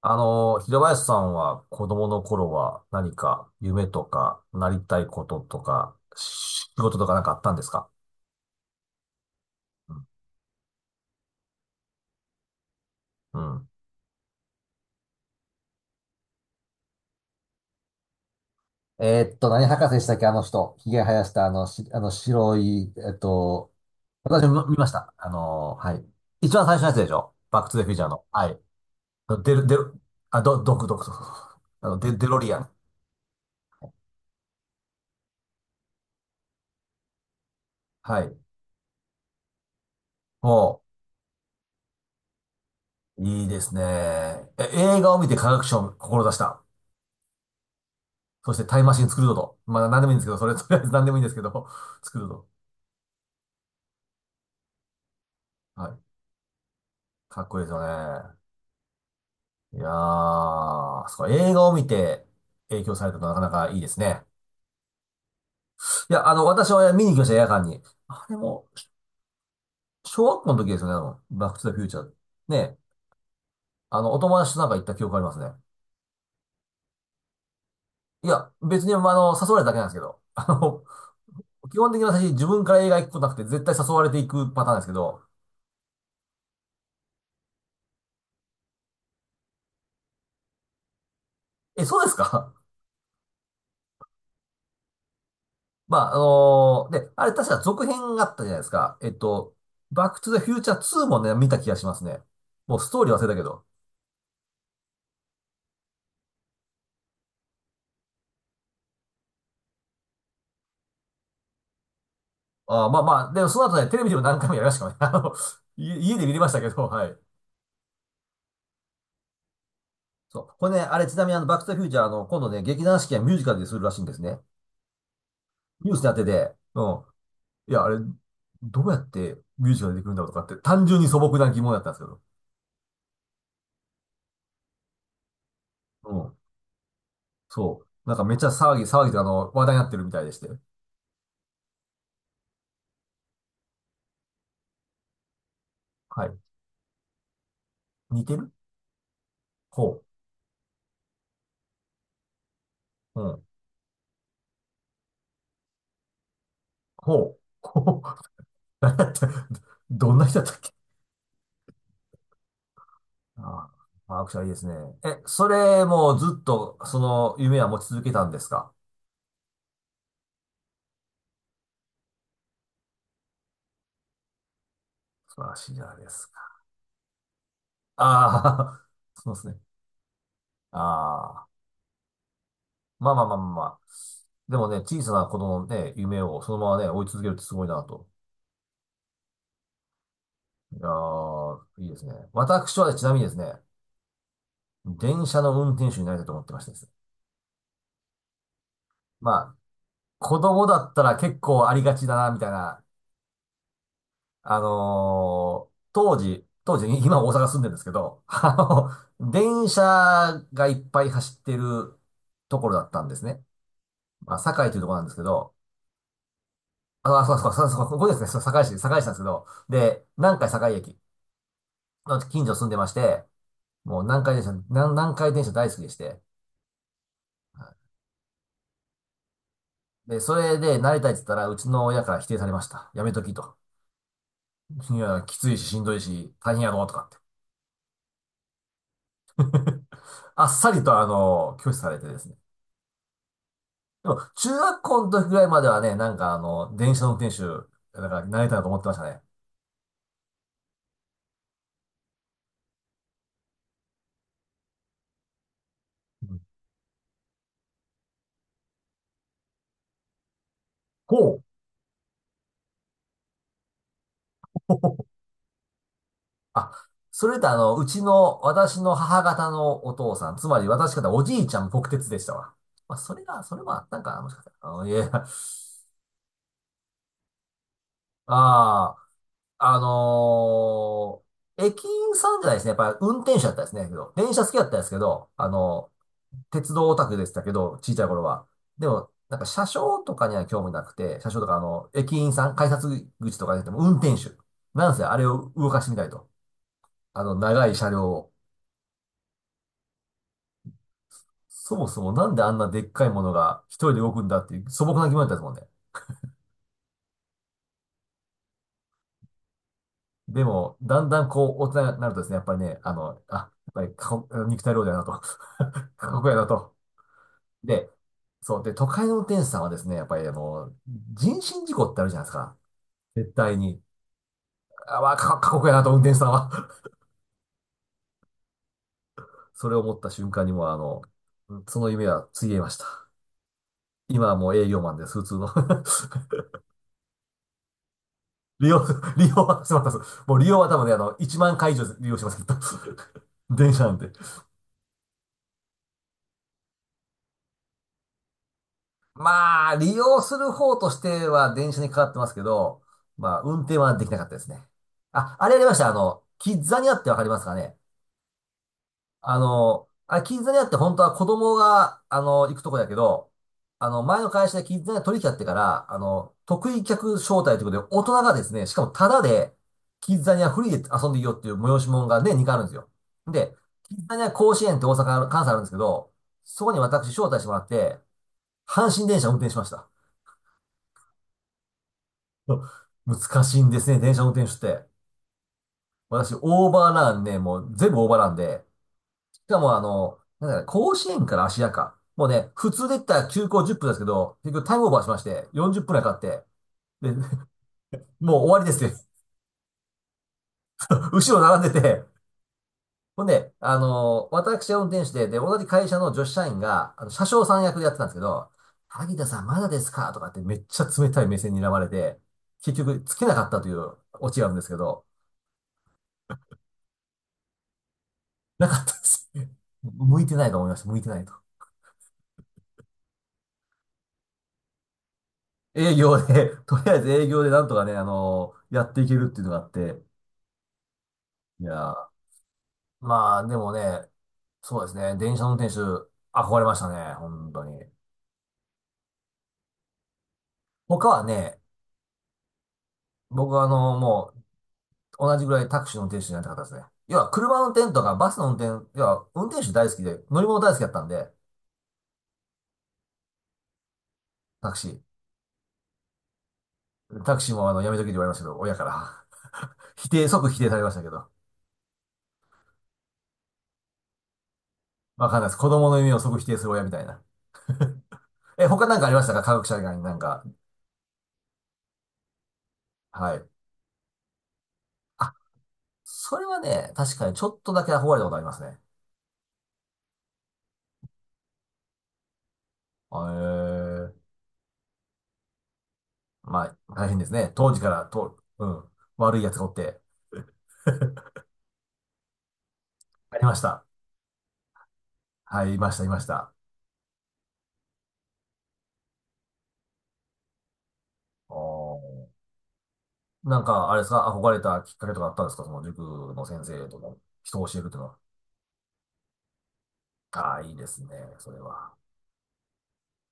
平林さんは子供の頃は何か夢とかなりたいこととか仕事とか何かあったんですか？うん。うん。何博士でしたっけ、あの人。ひげ生やしたあの白い、私も見ました。はい。一番最初のやつでしょバックトゥザフューチャーの。はい。デル、デル、あ、ド、ドク、ドク、ドク、デロリアン。はい。もう、いいですね。え、映画を見て科学賞を志した。そしてタイムマシン作るぞと。まあ何でもいいんですけど、それとりあえず何でもいいんですけど、作るぞ。はい。かっこいいですよね。いやー、そう、映画を見て影響されたのはなかなかいいですね。いや、私は見に行きました、映画館に。あれも、し小学校の時ですよね、バックトゥザフューチャー。ね、お友達となんか行った記憶ありますね。いや、別に、まあ、誘われただけなんですけど、基本的に私自分から映画行くことなくて絶対誘われていくパターンですけど、え、そうですか？まあ、で、あれ確か続編があったじゃないですか。バックトゥザフューチャー2もね、見た気がしますね。もうストーリー忘れたけど。あーまあまあ、でもその後ね、テレビでも何回もやりましたからね。家で見れましたけど、はい。そう。これね、あれちなみにバックトゥザフューチャー、今度ね、劇団四季はミュージカルでするらしいんですね。ニュースになってて、うん。いや、あれ、どうやってミュージカルできるんだろうとかって、単純に素朴な疑問だったんですけど。うん。そう。なんかめっちゃ騒ぎで話題になってるみたいでして。はい。似てる？ほう。うん。ほう。ほう。何やった？どんな人だったっけ？ああ、ワークションいいですね。え、それもうずっとその夢は持ち続けたんですか？素晴らしいじゃないですか。ああ、そうですね。ああ、まあまあまあまあまあ。でもね、小さな子供のね、夢をそのままね、追い続けるってすごいなと。いやーいいですね。私はねちなみにですね、電車の運転手になりたいと思ってましてですね。まあ、子供だったら結構ありがちだな、みたいな。当時、当時、今大阪住んでるんですけど、電車がいっぱい走ってるところだったんですね。まあ、堺というところなんですけど、あ、そうそうそう、そう、ここですね、そう堺市、堺市なんですけど、で、南海堺駅の近所住んでまして、もう南海電車大好きでして、で、それでなりたいって言ったら、うちの親から否定されました。やめときと。いや、きついし、しんどいし、大変やろ、とかって。あっさりと、拒否されてですね。でも、中学校の時ぐらいまではね、なんか電車の運転手、なんか、なりたいなと思ってましたね。うん。ほう。あ、それとうちの、私の母方のお父さん、つまり私方おじいちゃん、国鉄でしたわ。まあ、それは、なんか、もしかしたら、いや、ああ、あのー駅員さんじゃないですね。やっぱ、運転手だったですね。けど、電車好きだったんですけど、鉄道オタクでしたけど、小さい頃は。でも、なんか車掌とかには興味なくて、車掌とか駅員さん、改札口とかじゃなくても運転手。なんせあれを動かしてみたいと。長い車両を。そもそもなんであんなでっかいものが一人で動くんだっていう素朴な疑問だったですもんね。でも、だんだんこう、大人になるとですね、やっぱりね、やっぱり過酷肉体労働やなと。過酷やなと。で、そう。で、都会の運転手さんはですね、やっぱり人身事故ってあるじゃないですか。絶対に。あ、まあ、過酷やなと、運転手さんは。それを思った瞬間にもう、その夢はついえました。今はもう営業マンです、普通の。利用、利用は、すみません。もう利用は多分ね、1万回以上利用してます、きっと。電車なんて。まあ、利用する方としては電車にかかってますけど、まあ、運転はできなかったですね。あ、あれやりました。キッザニアってわかりますかね？キッザニアって本当は子供が、行くとこやけど、前の会社でキッザニア取引やってから、得意客招待ということで、大人がですね、しかもタダで、キッザニアフリーで遊んでいいよっていう催し物がね、2回あるんですよ。で、キッザニア甲子園って大阪ある、関西あるんですけど、そこに私招待してもらって、阪神電車運転しました。難しいんですね、電車運転手って。私、オーバーランね、もう全部オーバーランで、しかもなんだね、甲子園から芦屋か。もうね、普通で言ったら休校10分ですけど、結局タイムオーバーしまして、40分くらいかかって、で、もう終わりですよ。後ろ並んでて。ほんで、私は運転手で、で、同じ会社の女子社員が、車掌さん役でやってたんですけど、萩田さんまだですかとかってめっちゃ冷たい目線に睨まれて、結局つけなかったというオチがあるんですけど、なかったです。向いてないと思いました。向いてないと。営業で、とりあえず営業でなんとかね、やっていけるっていうのがあって、いやー、まあ、でもね、そうですね。電車の運転手、憧れましたね。本当に。他はね、僕はもう、同じぐらいタクシーの運転手になりたかったですね。要は、車の運転とか、バスの運転、要は、運転手大好きで、乗り物大好きだったんで、タクシー。タクシーもやめときって言われましたけど、親から。即否定されましたけど。わかんないです。子供の夢を即否定する親みたいな。え、他なんかありましたか、科学者以外になんか？はい。あ、それはね、確かにちょっとだけ憧れたことありますね。へえ。まあ、大変ですね。当時から、と、うん、悪い奴がおって、ありました。はい、いました、いました。おーなんか、あれですか、憧れたきっかけとかあったんですか、その塾の先生とか、人を教えるというのは？ああ、いいですね、それは。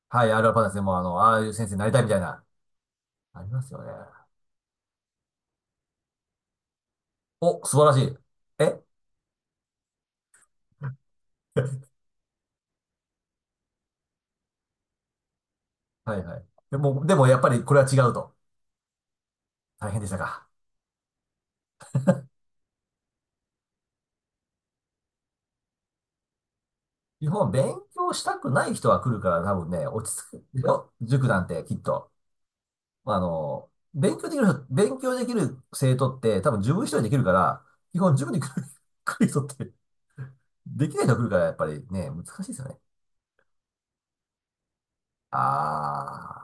はい、あるあるパンですね。もう、ああいう先生になりたいみたいな。ありますよね。お、素晴らしい。え はいはい。でも、やっぱりこれは違うと。大変でしたか。日本、勉強したくない人が来るから多分ね、落ち着くよ。塾なんてきっと。まあの、勉強できる人、勉強できる生徒って多分自分一人できるから、基本自分で来る人ってできない人が来るからやっぱりね、難しいですよね。あ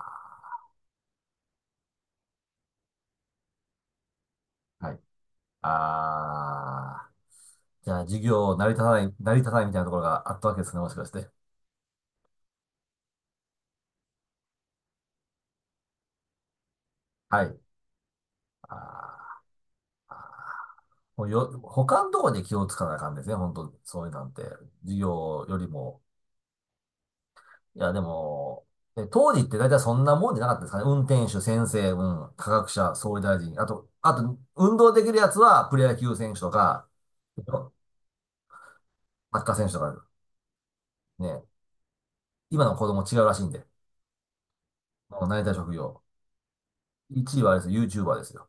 ー、はい。あー。じゃあ授業成り立たない、成り立たないみたいなところがあったわけですね、もしかして。はい。あーもうよ、他のところで気をつかなあかんですね、本当そういうなんて。授業よりも。いや、でも、え、当時って大体そんなもんじゃなかったですかね。運転手、先生、うん、科学者、総理大臣。あと、運動できるやつはプロ野球選手とか、サッカー選手とか、ね。今の子供違うらしいんで。もうなりたい職業。1位はあれですよ、YouTuber ですよ。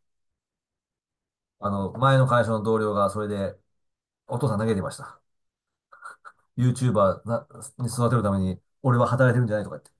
前の会社の同僚がそれで、お父さん投げてました。YouTuber なに育てるために、俺は働いてるんじゃないとか言って。